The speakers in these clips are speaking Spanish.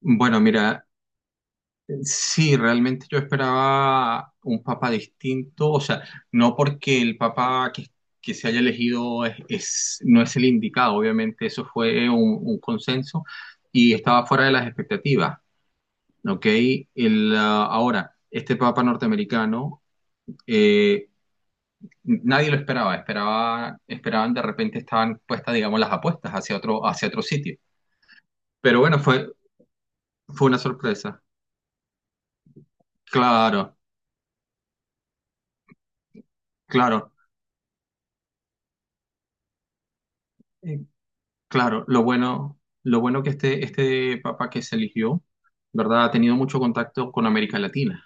Bueno, mira, sí, realmente yo esperaba un papa distinto, o sea, no porque el papa que se haya elegido no es el indicado, obviamente eso fue un consenso y estaba fuera de las expectativas, ¿ok? Ahora, este papa norteamericano, eh, nadie lo esperaba, esperaban de repente, estaban puestas, digamos, las apuestas hacia otro sitio, pero bueno, fue una sorpresa, claro, claro. Claro, lo bueno que este papa que se eligió, ¿verdad? Ha tenido mucho contacto con América Latina.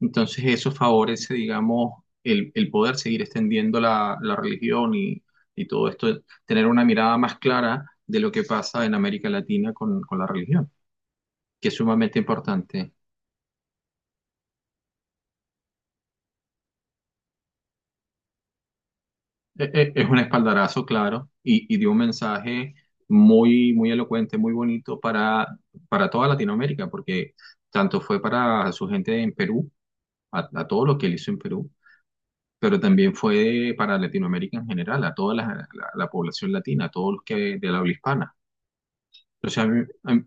Entonces eso favorece, digamos, el poder seguir extendiendo la religión y todo esto, tener una mirada más clara de lo que pasa en América Latina con la religión, que es sumamente importante. Es un espaldarazo, claro, y dio un mensaje muy, muy elocuente, muy bonito para toda Latinoamérica, porque tanto fue para su gente en Perú, a todo lo que él hizo en Perú, pero también fue para Latinoamérica en general, a toda la población latina, a todos los que de la habla hispana. O sea,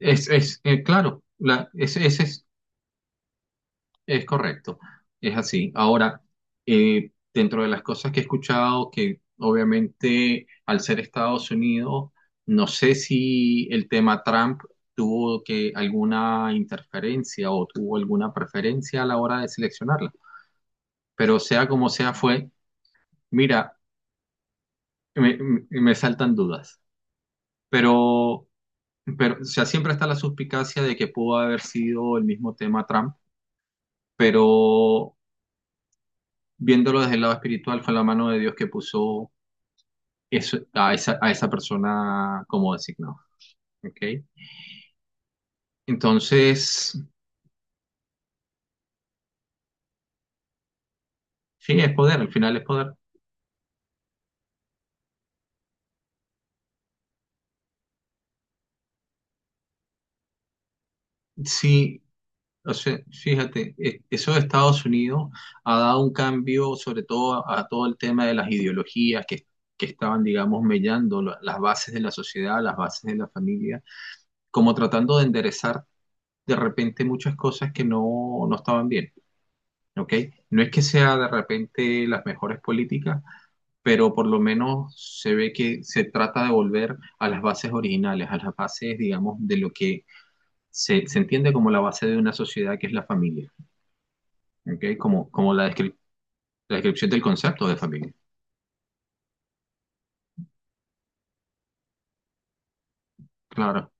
es, claro, la, ese ese es correcto, es así. Ahora, dentro de las cosas que he escuchado, que obviamente al ser Estados Unidos, no sé si el tema Trump tuvo que alguna interferencia o tuvo alguna preferencia a la hora de seleccionarla, pero sea como sea fue, mira, me, me saltan dudas, pero, pero o sea, siempre está la suspicacia de que pudo haber sido el mismo tema Trump, pero viéndolo desde el lado espiritual fue la mano de Dios que puso eso, a esa persona como designado, ¿ok? Entonces, sí, es poder, al final es poder. Sí, o sea, fíjate, eso de Estados Unidos ha dado un cambio, sobre todo a todo el tema de las ideologías que estaban, digamos, mellando las bases de la sociedad, las bases de la familia, como tratando de enderezar de repente muchas cosas que no, no estaban bien, ¿ok? No es que sea de repente las mejores políticas, pero por lo menos se ve que se trata de volver a las bases originales, a las bases, digamos, de lo que se entiende como la base de una sociedad, que es la familia. ¿Ok? Como, como la descripción del concepto de familia. Claro.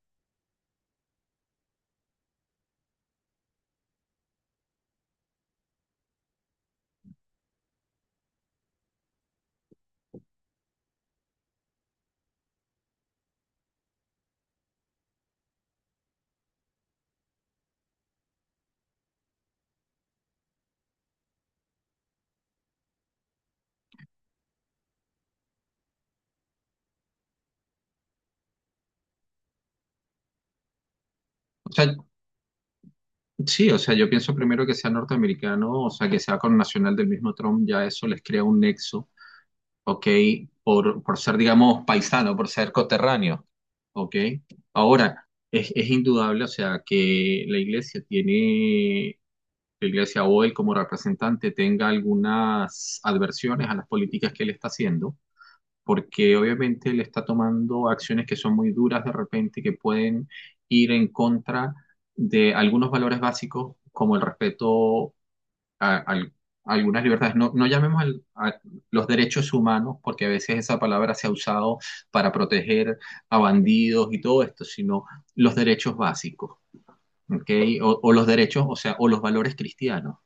O sea, sí, o sea, yo pienso primero que sea norteamericano, o sea, que sea con nacional del mismo Trump, ya eso les crea un nexo, ¿ok? Por ser, digamos, paisano, por ser coterráneo, ¿ok? Ahora, es indudable, o sea, que la iglesia o él como representante tenga algunas adversiones a las políticas que él está haciendo, porque obviamente él está tomando acciones que son muy duras de repente, que pueden ir en contra de algunos valores básicos, como el respeto a, al- a algunas libertades. No llamemos a los derechos humanos, porque a veces esa palabra se ha usado para proteger a bandidos y todo esto, sino los derechos básicos, ¿ok? O los derechos, o sea, o los valores cristianos.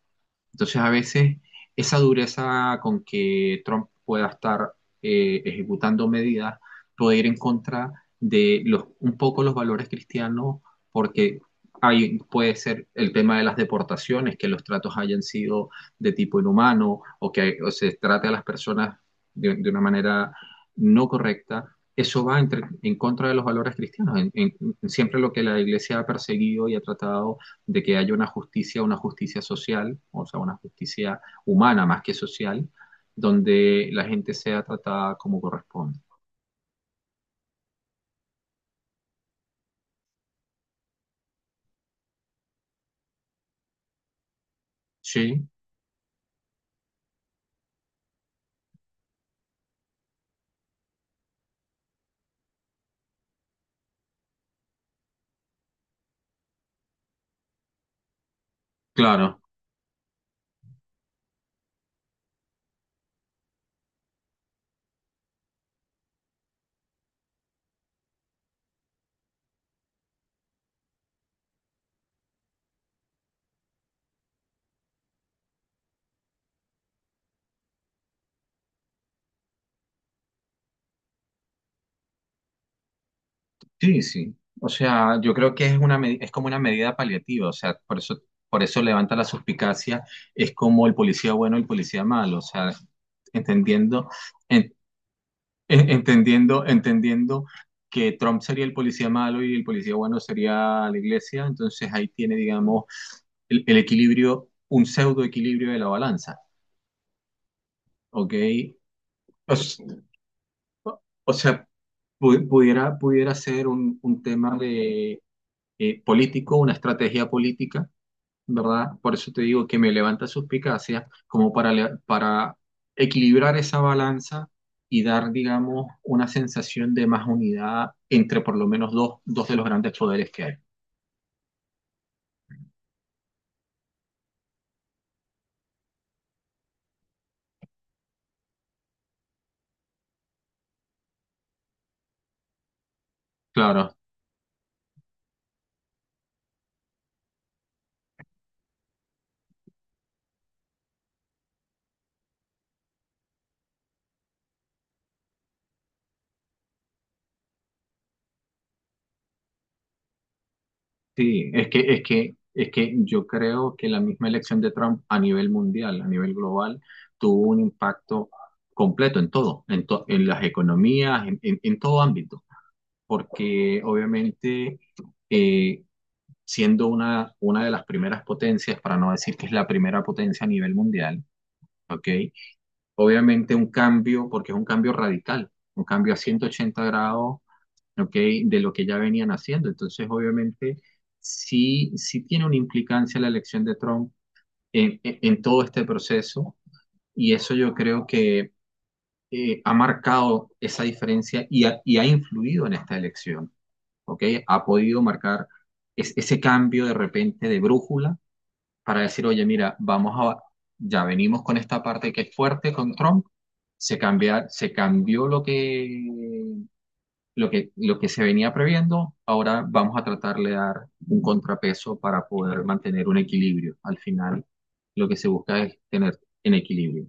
Entonces, a veces esa dureza con que Trump pueda estar ejecutando medidas puede ir en contra de un poco los valores cristianos, porque puede ser el tema de las deportaciones, que los tratos hayan sido de tipo inhumano, o que o se trate a las personas de una manera no correcta. Eso va en contra de los valores cristianos. Siempre lo que la Iglesia ha perseguido y ha tratado de que haya una justicia social, o sea, una justicia humana más que social, donde la gente sea tratada como corresponde. Sí, claro, sí, sí. O sea, yo creo que es es como una medida paliativa, o sea, por eso, por eso levanta la suspicacia, es como el policía bueno y el policía malo, o sea, entendiendo, en- entendiendo que Trump sería el policía malo y el policía bueno sería la iglesia, entonces ahí tiene, digamos, el equilibrio, un pseudo equilibrio de la balanza, ¿ok? O, s- o sea, pudiera, pudiera ser un tema de, político, una estrategia política, ¿verdad? Por eso te digo que me levanta suspicacia como para, para equilibrar esa balanza y dar, digamos, una sensación de más unidad entre por lo menos dos, dos de los grandes poderes que hay. Claro. Sí, es que yo creo que la misma elección de Trump a nivel mundial, a nivel global, tuvo un impacto completo en todo, en las economías, en todo ámbito, porque obviamente eh, siendo una de las primeras potencias, para no decir que es la primera potencia a nivel mundial, ¿ok? Obviamente un cambio, porque es un cambio radical, un cambio a 180 grados. ¿Ok? De lo que ya venían haciendo. Entonces, obviamente, sí, sí tiene una implicancia la elección de Trump en todo este proceso, y eso yo creo que ha marcado esa diferencia, y ha influido en esta elección, ¿ok? Ha podido marcar ese cambio de repente de brújula para decir, oye, mira, vamos a, ya venimos con esta parte que es fuerte con Trump. Se cambia, se cambió lo que lo que se venía previendo, ahora vamos a tratar de dar un contrapeso para poder mantener un equilibrio. Al final, lo que se busca es tener en equilibrio.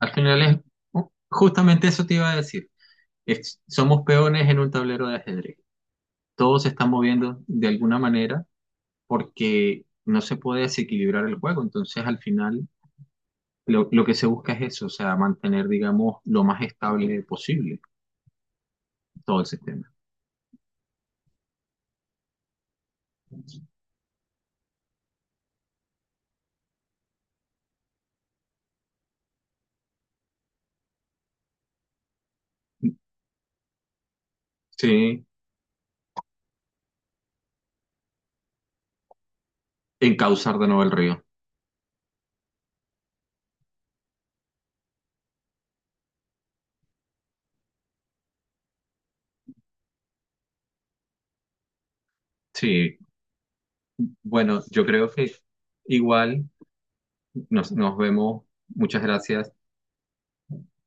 Al final es, oh, justamente eso te iba a decir, somos peones en un tablero de ajedrez. Todos se están moviendo de alguna manera porque no se puede desequilibrar el juego. Entonces, al final, lo que se busca es eso, o sea, mantener, digamos, lo más estable posible todo el sistema. Sí, encauzar de nuevo el río. Sí, bueno, yo creo que igual nos vemos. Muchas gracias.